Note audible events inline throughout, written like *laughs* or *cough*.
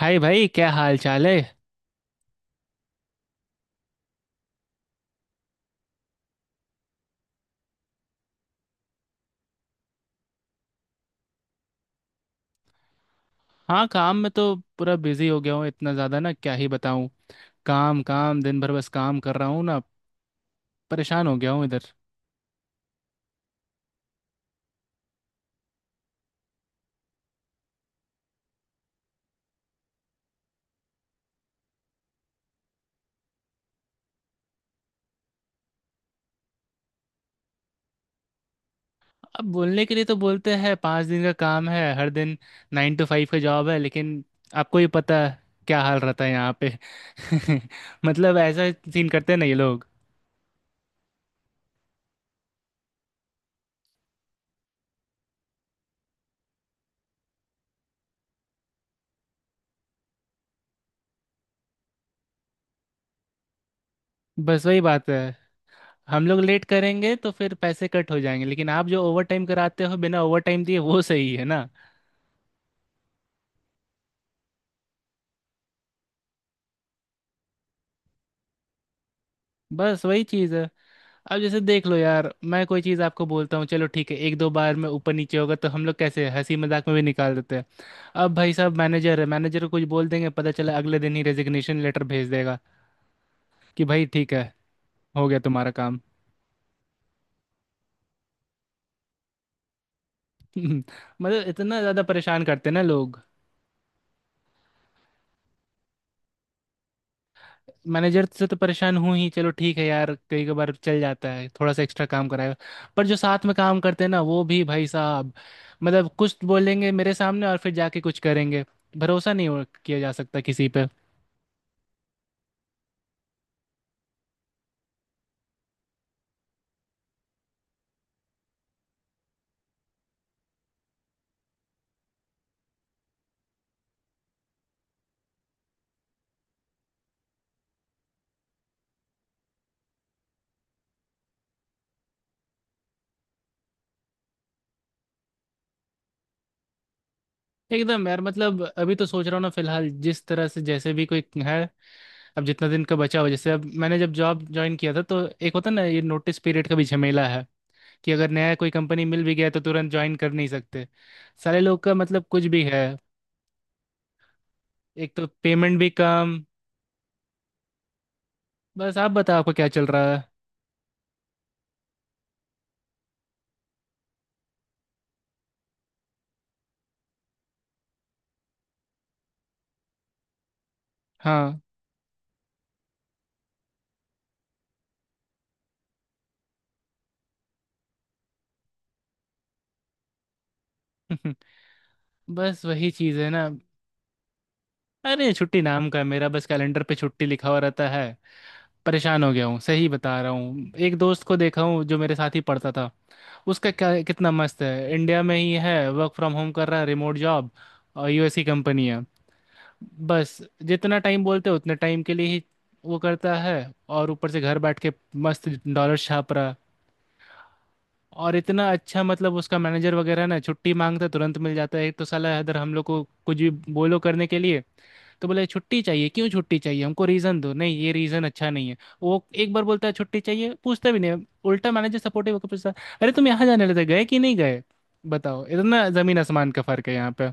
हाय भाई, क्या हाल चाल है। हाँ, काम में तो पूरा बिजी हो गया हूँ इतना ज़्यादा ना, क्या ही बताऊँ। काम काम दिन भर बस काम कर रहा हूँ ना। परेशान हो गया हूँ इधर। अब बोलने के लिए तो बोलते हैं 5 दिन का काम है हर दिन, 9 to 5 का जॉब है, लेकिन आपको ही पता है क्या हाल रहता है यहाँ पे। *laughs* मतलब ऐसा सीन करते हैं ना ये लोग। बस वही बात है। हम लोग लेट करेंगे तो फिर पैसे कट हो जाएंगे, लेकिन आप जो ओवर टाइम कराते हो बिना ओवर टाइम दिए, वो सही है ना। बस वही चीज़ है। अब जैसे देख लो यार, मैं कोई चीज़ आपको बोलता हूँ, चलो ठीक है, एक दो बार में ऊपर नीचे होगा तो हम लोग कैसे हंसी मजाक में भी निकाल देते हैं। अब भाई साहब मैनेजर है, मैनेजर को कुछ बोल देंगे पता चला अगले दिन ही रेजिग्नेशन लेटर भेज देगा। कि भाई ठीक है, हो गया तुम्हारा काम। *laughs* मतलब इतना ज़्यादा परेशान करते हैं ना लोग। मैनेजर से तो परेशान हूँ ही, चलो ठीक है यार, कई कई बार चल जाता है थोड़ा सा एक्स्ट्रा काम कराएगा। पर जो साथ में काम करते हैं ना वो भी भाई साहब, मतलब कुछ बोलेंगे मेरे सामने और फिर जाके कुछ करेंगे। भरोसा नहीं किया जा सकता किसी पे। एकदम यार, मतलब अभी तो सोच रहा हूँ ना, फिलहाल जिस तरह से जैसे भी कोई है। अब जितना दिन का बचा हो, जैसे अब मैंने जब जॉब ज्वाइन किया था तो एक होता ना ये नोटिस पीरियड का भी झमेला है। कि अगर नया कोई कंपनी मिल भी गया तो तुरंत ज्वाइन कर नहीं सकते। सारे लोग का मतलब कुछ भी है। एक तो पेमेंट भी कम। बस आप बताओ आपका क्या चल रहा है। हाँ। *laughs* बस वही चीज़ है ना। अरे छुट्टी नाम का है मेरा, बस कैलेंडर पे छुट्टी लिखा हुआ रहता है। परेशान हो गया हूँ, सही बता रहा हूँ, एक दोस्त को देखा हूँ जो मेरे साथ ही पढ़ता था। उसका क्या कितना मस्त है, इंडिया में ही है, वर्क फ्रॉम होम कर रहा है, रिमोट जॉब। और यूएस की कंपनी है। बस जितना टाइम बोलते हैं उतने टाइम के लिए ही वो करता है। और ऊपर से घर बैठ के मस्त डॉलर छाप रहा है। और इतना अच्छा, मतलब उसका मैनेजर वगैरह ना छुट्टी मांगता है, तुरंत मिल जाता है। एक तो साला इधर हम लोग को कुछ भी बोलो करने के लिए तो बोले छुट्टी चाहिए क्यों, छुट्टी चाहिए हमको रीज़न दो, नहीं ये रीज़न अच्छा नहीं है। वो एक बार बोलता है छुट्टी चाहिए, पूछता भी नहीं, उल्टा मैनेजर सपोर्टिव होकर पूछता, अरे तुम यहाँ जाने लेते गए कि नहीं गए। बताओ, इतना ज़मीन आसमान का फ़र्क है यहाँ पे।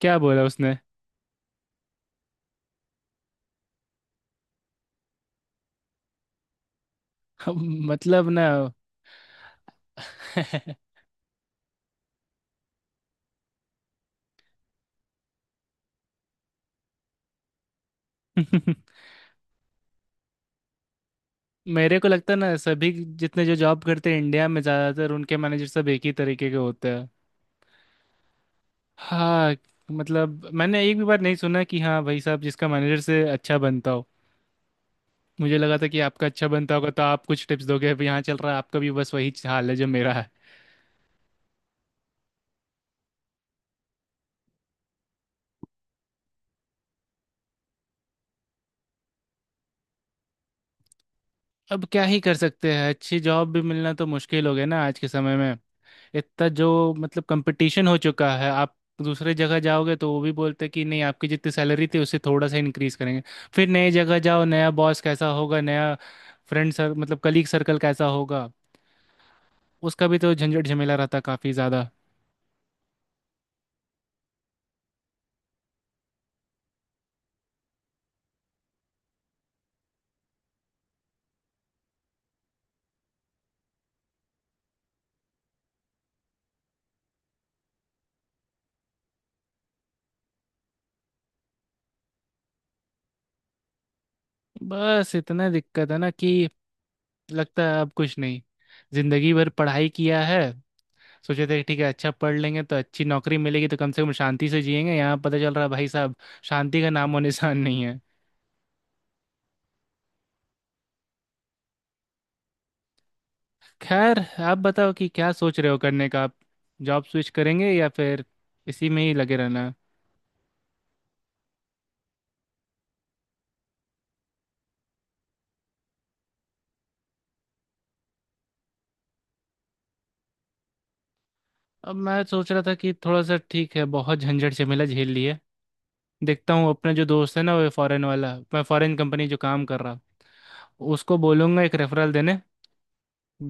क्या बोला उसने। *laughs* मतलब ना। *laughs* मेरे को लगता है ना सभी जितने जो जॉब करते हैं इंडिया में ज़्यादातर उनके मैनेजर सब एक ही तरीके के होते हैं। हाँ। मतलब मैंने एक भी बार नहीं सुना कि हाँ भाई साहब जिसका मैनेजर से अच्छा बनता हो। मुझे लगा था कि आपका अच्छा बनता होगा तो आप कुछ टिप्स दोगे, अब यहाँ चल रहा है आपका भी बस वही हाल है जो मेरा है। अब क्या ही कर सकते हैं, अच्छी जॉब भी मिलना तो मुश्किल हो गया ना आज के समय में। इतना जो मतलब कंपटीशन हो चुका है, आप दूसरे जगह जाओगे तो वो भी बोलते हैं कि नहीं आपकी जितनी सैलरी थी उससे थोड़ा सा इंक्रीज करेंगे। फिर नई जगह जाओ, नया बॉस कैसा होगा, नया फ्रेंड सर मतलब कलीग सर्कल कैसा होगा। उसका भी तो झंझट झमेला रहता काफ़ी ज़्यादा। बस इतना दिक्कत है ना कि लगता है अब कुछ नहीं। जिंदगी भर पढ़ाई किया है, सोचे थे ठीक है अच्छा पढ़ लेंगे तो अच्छी नौकरी मिलेगी तो कम से कम शांति से जिएंगे, यहाँ पता चल रहा है भाई साहब, शांति का नामो निशान नहीं है। खैर, आप बताओ कि क्या सोच रहे हो करने का आप, जॉब स्विच करेंगे या फिर इसी में ही लगे रहना है। अब मैं सोच रहा था कि थोड़ा सा ठीक है, बहुत झंझट झमेला झेल लिए। देखता हूँ अपना जो दोस्त है ना वो फॉरेन वाला, मैं फॉरेन कंपनी जो काम कर रहा, उसको बोलूंगा एक रेफरल देने।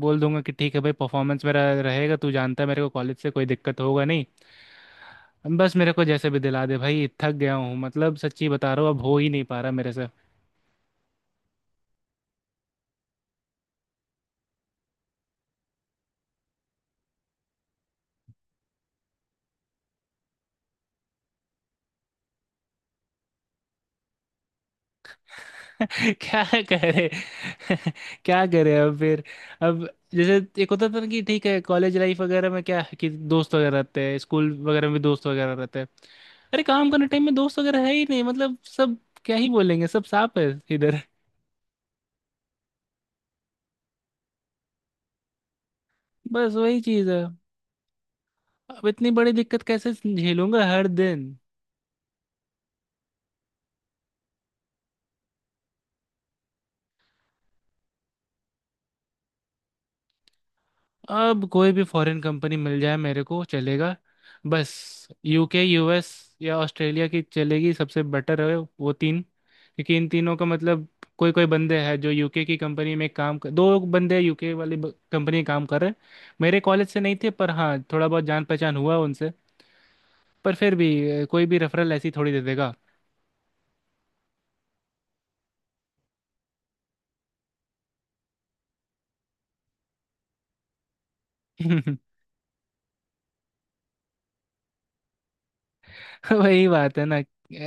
बोल दूंगा कि ठीक है भाई, परफॉर्मेंस मेरा रहेगा, तू जानता है मेरे को, कॉलेज से कोई दिक्कत होगा नहीं। बस मेरे को जैसे भी दिला दे भाई, थक गया हूँ, मतलब सच्ची बता रहा हूँ, अब हो ही नहीं पा रहा मेरे से। *laughs* क्या करे। *laughs* क्या करे अब फिर। अब जैसे एक होता था ना कि ठीक है कॉलेज लाइफ वगैरह में क्या है कि दोस्त वगैरह रहते हैं, स्कूल वगैरह में भी दोस्त वगैरह रहते हैं। अरे काम करने टाइम में दोस्त वगैरह है ही नहीं, मतलब सब क्या ही बोलेंगे, सब सांप है इधर। *laughs* बस वही चीज़ है। अब इतनी बड़ी दिक्कत कैसे झेलूंगा हर दिन। अब कोई भी फॉरेन कंपनी मिल जाए मेरे को चलेगा। बस यूके, यूएस या ऑस्ट्रेलिया की चलेगी, सबसे बेटर है वो तीन, क्योंकि इन तीनों का मतलब कोई कोई बंदे हैं जो यूके की कंपनी में काम कर, दो बंदे यूके वाली कंपनी में काम कर रहे हैं। मेरे कॉलेज से नहीं थे, पर हाँ थोड़ा बहुत जान पहचान हुआ उनसे। पर फिर भी कोई भी रेफरल ऐसी थोड़ी दे देगा। *laughs* *laughs* वही बात है ना।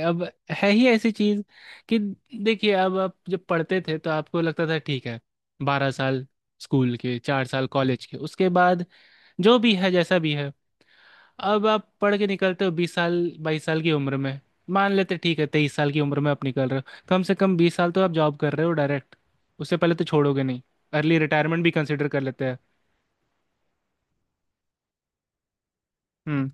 अब है ही ऐसी चीज कि देखिए, अब आप जब पढ़ते थे तो आपको लगता था ठीक है, 12 साल स्कूल के, 4 साल कॉलेज के, उसके बाद जो भी है जैसा भी है। अब आप पढ़ के निकलते हो 20 साल, 22 साल की उम्र में, मान लेते ठीक है 23 साल की उम्र में आप निकल रहे हो, कम से कम 20 साल तो आप जॉब कर रहे हो डायरेक्ट। उससे पहले तो छोड़ोगे नहीं। अर्ली रिटायरमेंट भी कंसिडर कर लेते हैं। हम्म,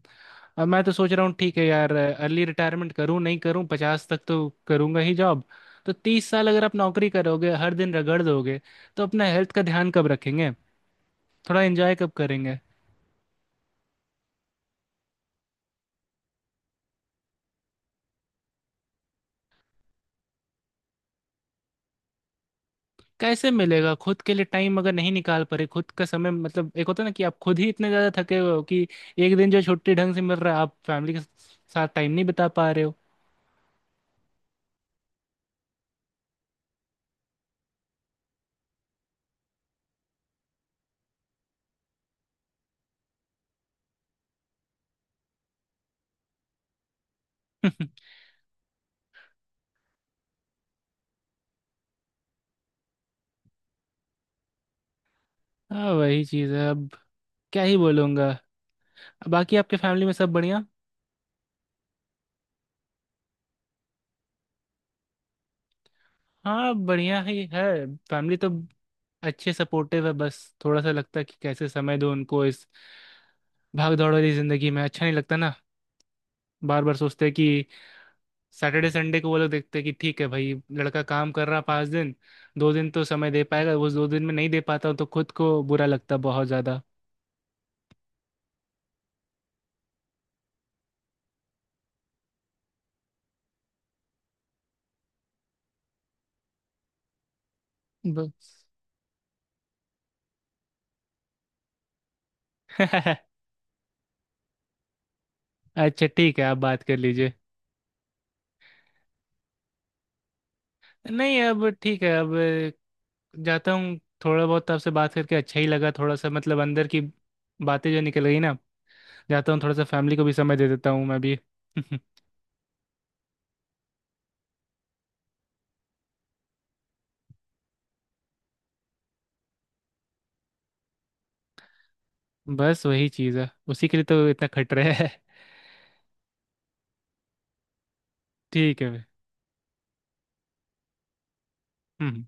अब मैं तो सोच रहा हूँ ठीक है यार, अर्ली रिटायरमेंट करूँ नहीं करूँ, 50 तक तो करूँगा ही जॉब। तो 30 साल अगर आप नौकरी करोगे हर दिन रगड़ दोगे, तो अपना हेल्थ का ध्यान कब रखेंगे, थोड़ा एंजॉय कब करेंगे। कैसे मिलेगा खुद के लिए टाइम अगर नहीं निकाल पा रहे खुद का समय, मतलब एक होता है ना कि आप खुद ही इतने ज़्यादा थके हुए हो कि एक दिन जो छुट्टी ढंग से मिल रहा है आप फैमिली के साथ टाइम नहीं बिता पा रहे हो। *laughs* हाँ, वही चीज़ है अब, क्या ही बोलूँगा। बाकी आपके फैमिली में सब बढ़िया। हाँ बढ़िया ही है। फैमिली तो अच्छे सपोर्टिव है, बस थोड़ा सा लगता है कि कैसे समय दो उनको इस भाग दौड़ वाली जिंदगी में, अच्छा नहीं लगता ना, बार बार सोचते हैं कि सैटरडे संडे को वो लोग देखते हैं कि ठीक है भाई लड़का काम कर रहा 5 दिन, 2 दिन तो समय दे पाएगा, वो 2 दिन में नहीं दे पाता हूं तो खुद को बुरा लगता बहुत ज्यादा। बस। *laughs* अच्छा ठीक है, आप बात कर लीजिए। नहीं, अब ठीक है अब, जाता हूँ। थोड़ा बहुत आपसे बात करके अच्छा ही लगा, थोड़ा सा मतलब अंदर की बातें जो निकल गई ना, जाता हूँ, थोड़ा सा फैमिली को भी समय दे देता हूँ मैं भी। *laughs* बस वही चीज़ है, उसी के लिए तो इतना खट रहा है। *laughs* ठीक है भाई। हम्म।